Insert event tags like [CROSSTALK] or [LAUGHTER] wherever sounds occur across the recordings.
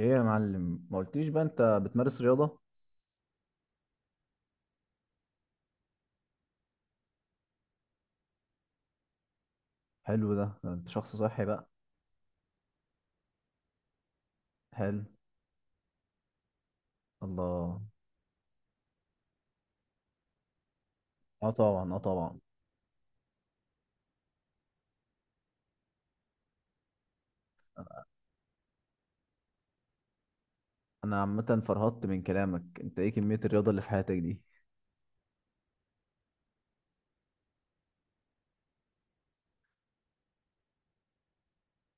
ايه يا معلم؟ ما قلتليش بقى انت بتمارس رياضة؟ حلو. ده انت شخص صحي بقى. حلو. الله. اه طبعا، اه طبعا. انا عامة فرهطت من كلامك. انت ايه كمية الرياضة اللي في حياتك دي؟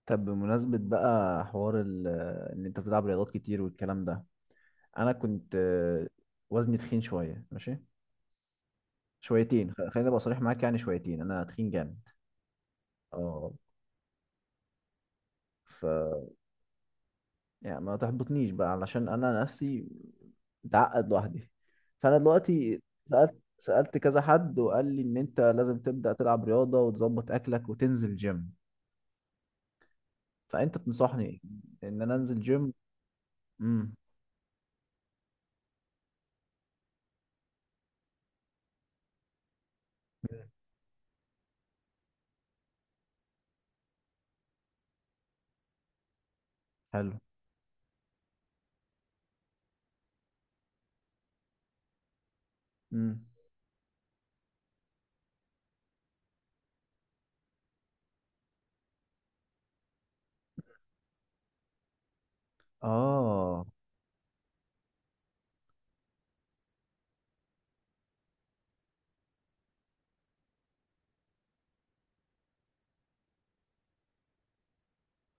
طب بمناسبة بقى حوار ان انت بتلعب رياضات كتير والكلام ده، انا كنت وزني تخين شوية، ماشي، شويتين. خليني ابقى صريح معاك، يعني شويتين انا تخين جامد. اه. ف يعني ما تحبطنيش بقى، علشان انا نفسي متعقد لوحدي. فانا دلوقتي سألت كذا حد وقال لي ان انت لازم تبدأ تلعب رياضة وتظبط اكلك وتنزل جيم. فانت تنصحني ان انا انزل جيم؟ امم. حلو. امم. اه.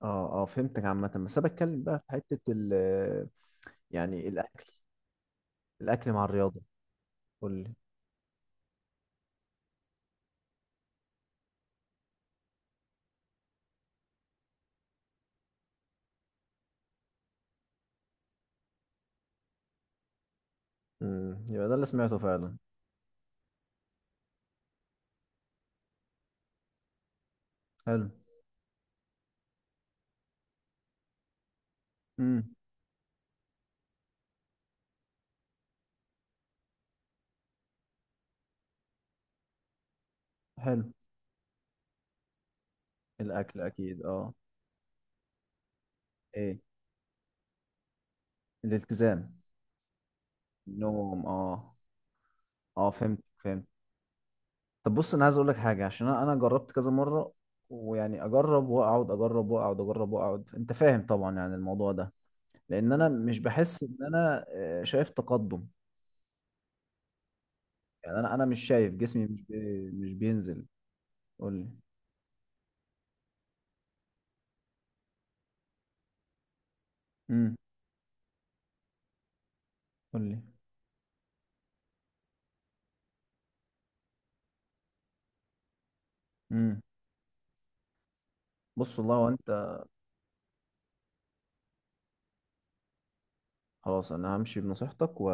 اه. اه فهمتك عامة، بس انا بتكلم بقى في حتة يعني الاكل، الاكل مع الرياضة. قول لي. امم، يبقى ده اللي سمعته فعلا. حلو. امم. حلو. الاكل اكيد، اه. ايه؟ الالتزام. نوم، اه. اه فهمت، فهمت. طب بص انا عايز اقول لك حاجه، عشان انا جربت كذا مره، ويعني اجرب واقعد، اجرب واقعد، اجرب واقعد، انت فاهم طبعا يعني الموضوع ده، لان انا مش بحس ان انا شايف تقدم. يعني انا مش شايف جسمي مش مش بينزل. قول لي. امم. قول لي. امم. بص والله وانت. خلاص انا همشي بنصيحتك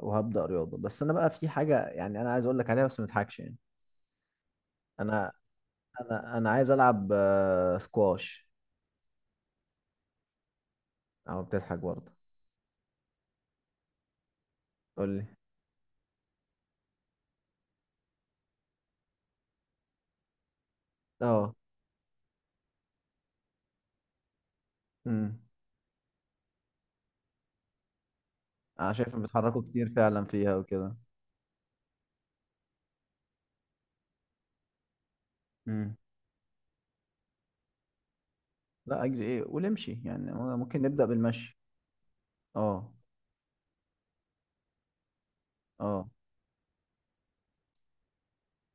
وهبدا رياضه، بس انا بقى في حاجه يعني انا عايز اقول لك عليها بس ما تضحكش يعني. انا انا عايز العب سكواش. او بتضحك برضه؟ قول لي. اه. امم. انا شايف إن بيتحركوا كتير فعلا فيها وكده. امم. لا اجري ايه، قول امشي يعني، ممكن نبدا بالمشي. اه. اه.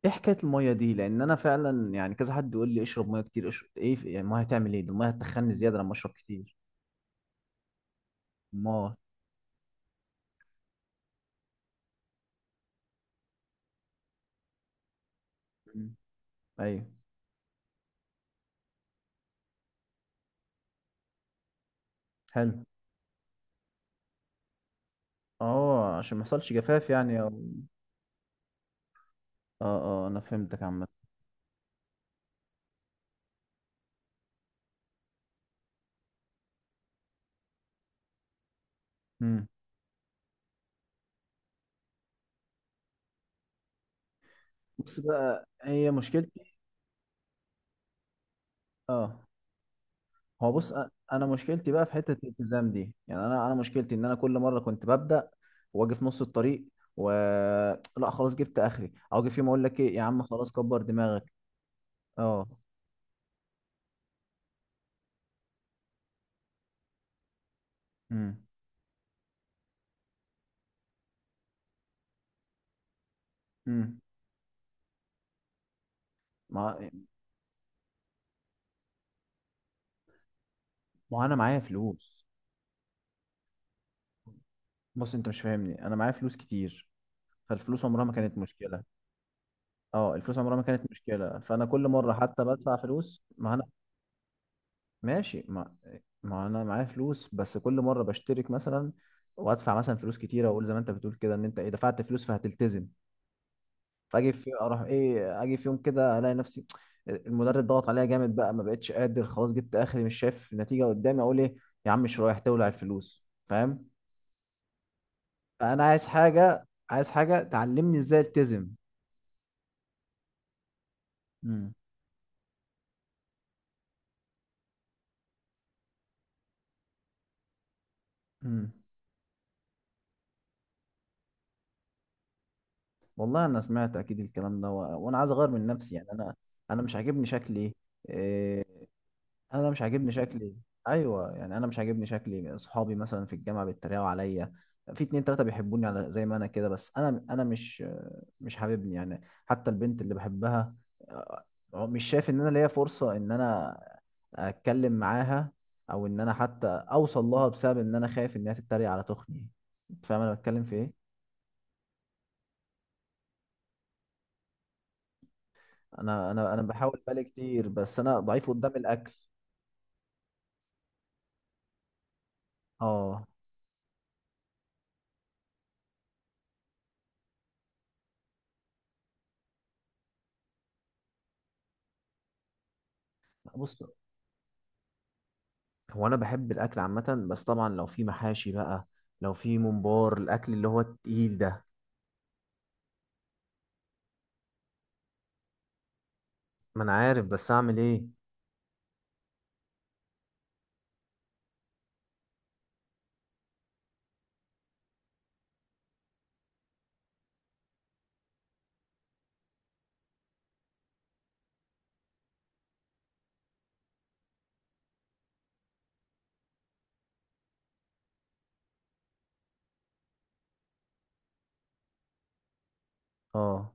ايه حكايه الميه دي؟ لان انا فعلا يعني كذا حد يقول لي اشرب ميه كتير، اشرب ايه يعني الميه هتعمل ايه؟ ده الميه هتخني زياده لما اشرب كتير. ما. أمم. ايوه. حلو. اه عشان ما يحصلش جفاف يعني اه اه انا فهمتك عامه. امم. بص بقى هي مشكلتي. اه. هو بص انا مشكلتي بقى في حته الالتزام دي، يعني انا مشكلتي ان انا كل مره كنت ببدا واجي في نص الطريق و [TSK] لا خلاص جبت اخري، او اجي في يوم اقول لك ايه يا عم خلاص كبر دماغك. اه. امم. امم. ما. ما انا معايا فلوس. بص انت مش فاهمني، انا معايا فلوس كتير، فالفلوس عمرها ما كانت مشكله. اه الفلوس عمرها ما كانت مشكله، فانا كل مره حتى بدفع فلوس، ما انا. ماشي. ما. ما انا معايا فلوس، بس كل مره بشترك مثلا وادفع مثلا فلوس كتيره، واقول زي ما انت بتقول كده ان انت ايه دفعت فلوس فهتلتزم، فاجي في اروح ايه اجي في يوم كده الاقي نفسي المدرب ضغط عليا جامد بقى ما بقتش قادر، خلاص جبت اخري، مش شايف نتيجه قدامي، اقول ايه يا عم مش رايح تولع الفلوس، فاهم؟ فانا عايز حاجه تعلمني ازاي التزم. امم. امم. والله انا سمعت اكيد الكلام ده وانا عايز اغير من نفسي يعني، انا مش عاجبني شكلي. آه، انا مش عاجبني شكلي. ايوه يعني انا مش عاجبني شكلي، اصحابي مثلا في الجامعه بيتريقوا عليا، في اتنين تلاته بيحبوني على زي ما انا كده، بس انا مش، مش حاببني يعني. حتى البنت اللي بحبها مش شايف ان انا ليا فرصه ان انا اتكلم معاها او ان انا حتى اوصل لها، بسبب ان انا خايف انها تتريق على تخني. انت فاهم انا بتكلم في ايه؟ انا بحاول بالي كتير، بس انا ضعيف قدام الاكل. اه. بص، هو انا بحب الاكل عامه، بس طبعا لو في محاشي بقى، لو في ممبار، الاكل اللي هو التقيل ده. ما انا عارف بس اعمل ايه؟ اه.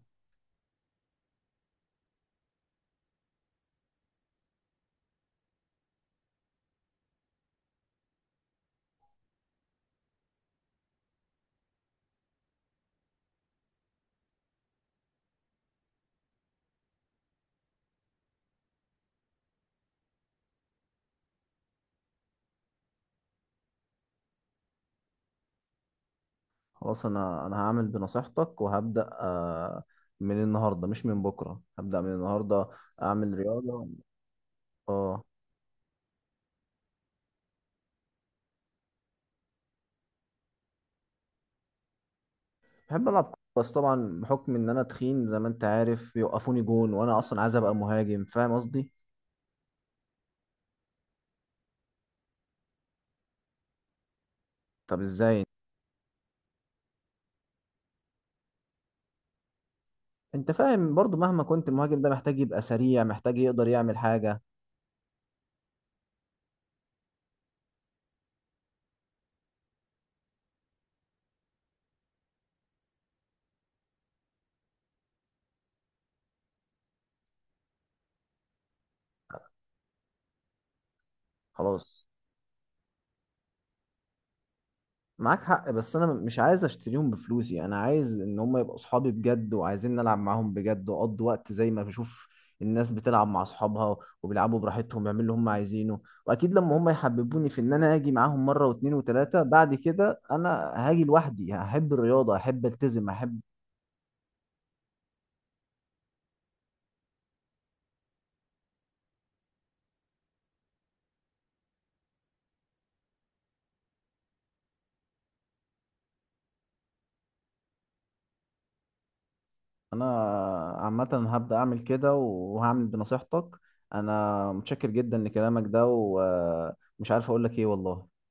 خلاص انا هعمل بنصيحتك وهبدا آه، من النهارده، مش من بكره، هبدا من النهارده اعمل رياضه. اه. بحب العب كورة، بس طبعا بحكم ان انا تخين زي ما انت عارف، يوقفوني جون، وانا اصلا عايز ابقى مهاجم، فاهم قصدي؟ طب ازاي؟ انت فاهم برضو، مهما كنت، المهاجم ده محتاج يبقى سريع، محتاج يقدر يعمل حاجه. خلاص. معاك حق، بس انا مش عايز اشتريهم بفلوسي، انا عايز ان هم يبقوا اصحابي بجد، وعايزين نلعب معاهم بجد، واقضي وقت زي ما بشوف الناس بتلعب مع اصحابها، وبيلعبوا براحتهم بيعملوا اللي هم عايزينه، واكيد لما هم يحببوني في ان انا اجي معاهم مره واتنين وتلاته، بعد كده انا هاجي لوحدي، هحب الرياضه، هحب التزم، هحب. انا عامه هبدا اعمل كده وهعمل بنصيحتك. انا متشكر جدا لكلامك ده، ومش عارف اقول لك ايه والله.